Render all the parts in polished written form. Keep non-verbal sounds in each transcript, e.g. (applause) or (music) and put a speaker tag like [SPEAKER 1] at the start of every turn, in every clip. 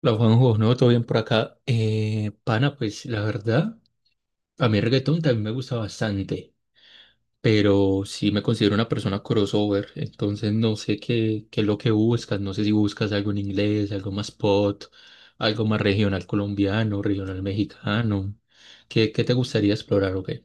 [SPEAKER 1] La Juanjo, ¿no? Todo bien por acá. Pana, pues la verdad, a mí el reggaetón también me gusta bastante, pero sí me considero una persona crossover, entonces no sé qué es lo que buscas, no sé si buscas algo en inglés, algo más pop, algo más regional colombiano, regional mexicano, ¿qué te gustaría explorar o qué?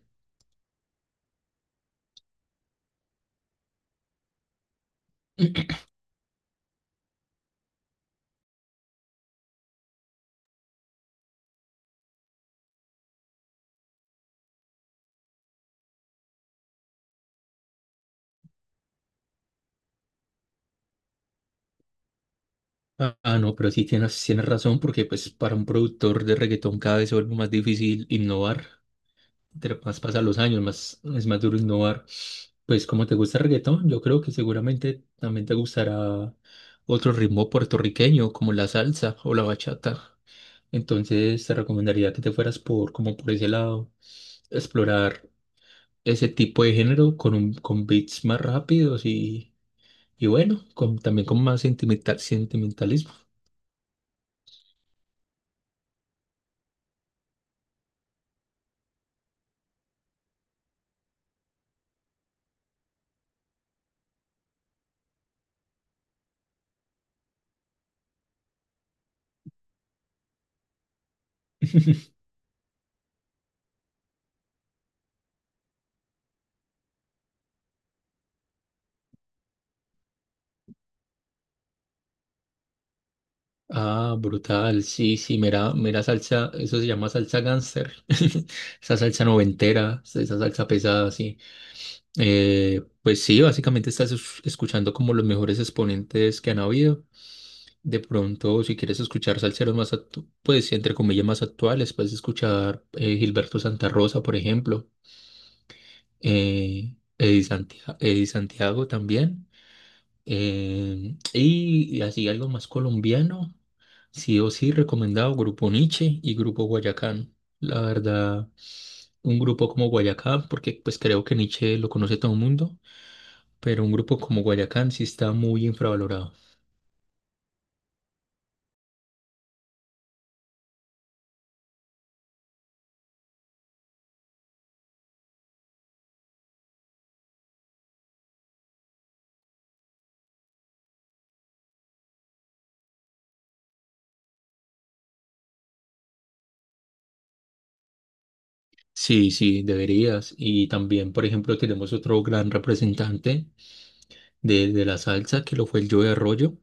[SPEAKER 1] No, pero sí tienes razón porque pues para un productor de reggaetón cada vez se vuelve más difícil innovar. Entre más pasan los años, más es más duro innovar. Pues como te gusta el reggaetón, yo creo que seguramente también te gustará otro ritmo puertorriqueño como la salsa o la bachata. Entonces te recomendaría que te fueras por como por ese lado, explorar ese tipo de género con beats más rápidos y bueno, con, también con más sentimental, sentimentalismo. (laughs) Ah, brutal. Sí, sí, mira, mira salsa, eso se llama salsa gánster. (laughs) Esa salsa noventera, esa salsa pesada, sí. Pues sí, básicamente escuchando como los mejores exponentes que han habido. De pronto, si quieres escuchar salseros más, pues entre comillas más actuales, puedes escuchar Gilberto Santa Rosa, por ejemplo. Eddie Santiago también. Y así algo más colombiano, sí o sí recomendado Grupo Niche y Grupo Guayacán. La verdad, un grupo como Guayacán, porque pues creo que Niche lo conoce todo el mundo, pero un grupo como Guayacán sí está muy infravalorado. Sí, sí, deberías. Y también, por ejemplo, tenemos otro gran representante de la salsa, que lo fue el Joe Arroyo.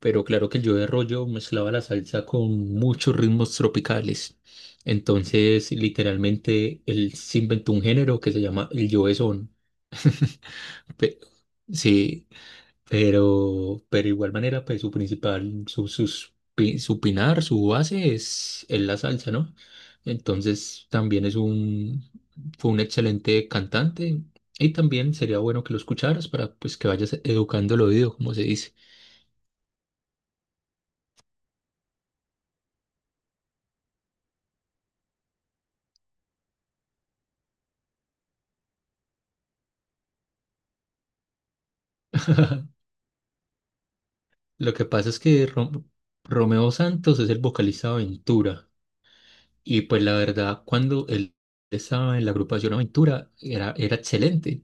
[SPEAKER 1] Pero claro que el yo de rollo mezclaba la salsa con muchos ritmos tropicales. Entonces, literalmente, él se inventó un género que se llama el yo de son. (laughs) Pe- Sí, pero de igual manera, pues su principal, su pinar, su base es la salsa, ¿no? Entonces también fue un excelente cantante y también sería bueno que lo escucharas para pues que vayas educando el oído, como se dice. Lo que pasa es que Romeo Santos es el vocalista de Aventura y pues la verdad cuando él estaba en la agrupación Aventura era excelente.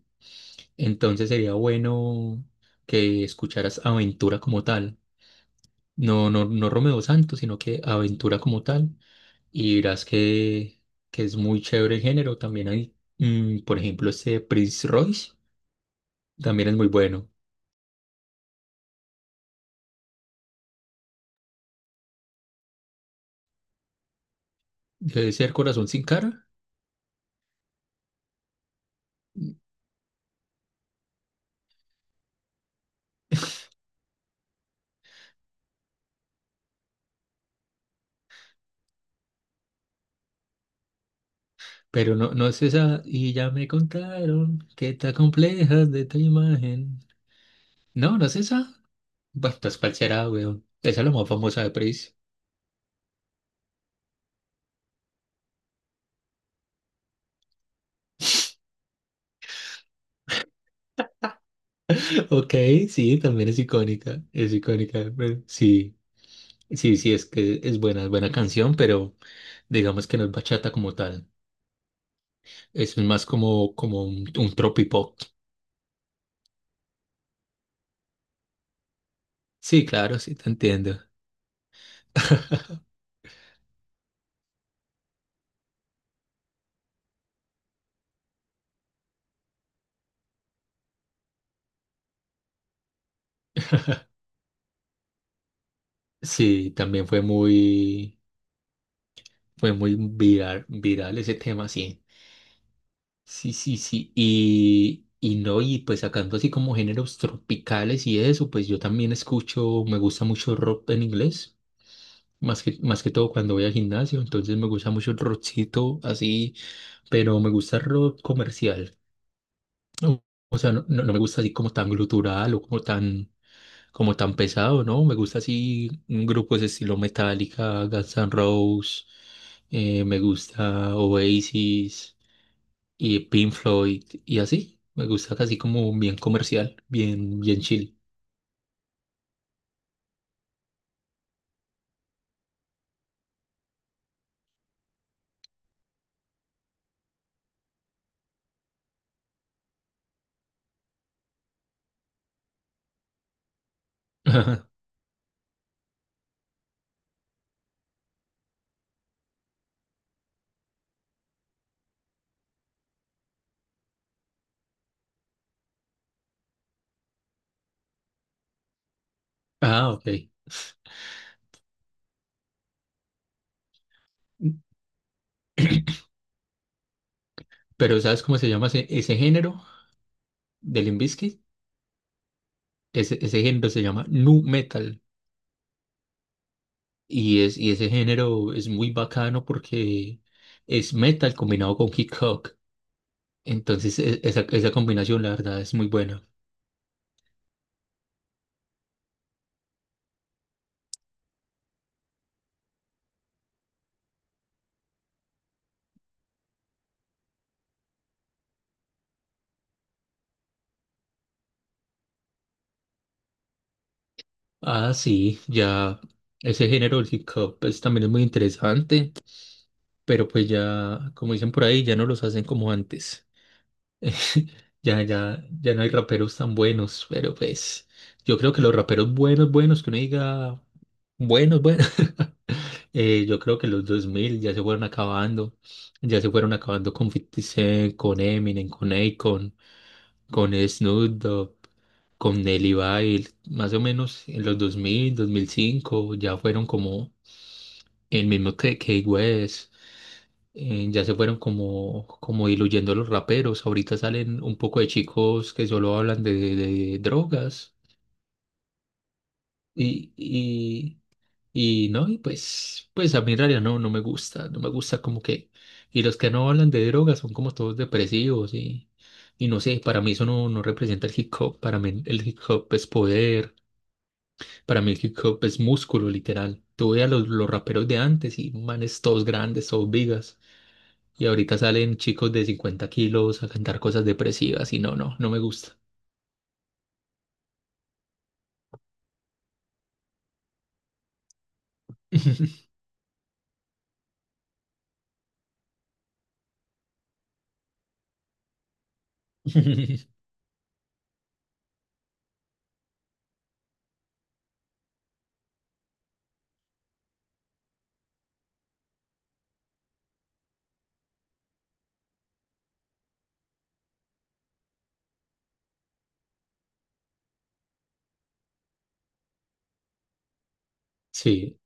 [SPEAKER 1] Entonces sería bueno que escucharas Aventura como tal. No Romeo Santos, sino que Aventura como tal. Y verás que es muy chévere el género. También hay, mm, por ejemplo, este Prince Royce, también es muy bueno. Debe ser Corazón sin cara. Pero no, no es esa. Y ya me contaron que te complejas de tu imagen. No, no es esa. Bueno, pues ¿cuál será, weón? Esa es la más famosa de Prince. (laughs) Ok, sí, también es icónica. Es icónica. Pero sí, sí, sí, es que es buena canción, pero digamos que no es bachata como tal. Es más como, un tropipop. Sí, claro, sí, te entiendo. (laughs) Sí, también fue muy viral, viral ese tema, sí. Sí, sí, sí. Y no, Y pues sacando así como géneros tropicales y eso, pues yo también escucho, me gusta mucho rock en inglés, más que todo cuando voy al gimnasio, entonces me gusta mucho el rockcito así, pero me gusta el rock comercial. O o sea, no me gusta así como tan glutural o como tan pesado, ¿no? Me gusta así mm, grupos de estilo Metallica, Guns N' Roses, me gusta Oasis y Pink Floyd y así. Me gusta casi como bien comercial, bien, bien chill. (laughs) Ajá. Ah, ok. Pero ¿sabes cómo se llama ese género del Limp Bizkit? Ese género se llama nu metal y ese género es muy bacano porque es metal combinado con hip hop. Entonces esa combinación la verdad es muy buena. Ah, sí, ya ese género del hip hop pues, también es muy interesante, pero pues ya, como dicen por ahí, ya no los hacen como antes. Ya no hay raperos tan buenos, pero pues yo creo que los raperos buenos, buenos, que uno diga buenos, buenos, (laughs) yo creo que los 2000 ya se fueron acabando, ya se fueron acabando con 50 Cent, con Eminem, con Akon, con Snoop Dogg, con Nelly Bail, más o menos en los 2005 ya fueron como el mismo que Kanye West, ya se fueron como, como diluyendo los raperos. Ahorita salen un poco de chicos que solo hablan de drogas. Y, y, y no, Y pues, pues a mí en realidad no, no me gusta. No me gusta como que. Y los que no hablan de drogas son como todos depresivos y no sé, para mí eso no, no representa el hip hop. Para mí el hip hop es poder. Para mí el hip hop es músculo, literal. Tú ve a los raperos de antes y manes todos grandes, todos vigas. Y ahorita salen chicos de 50 kilos a cantar cosas depresivas y no me gusta. (laughs) Sí,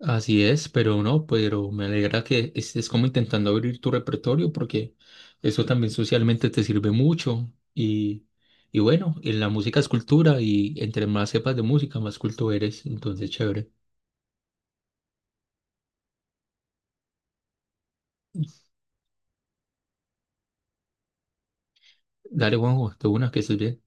[SPEAKER 1] así es, pero no, pero me alegra que estés como intentando abrir tu repertorio porque eso también socialmente te sirve mucho y bueno, en la música es cultura y entre más sepas de música, más culto eres, entonces chévere. Dale, Juanjo, de una, que estés bien.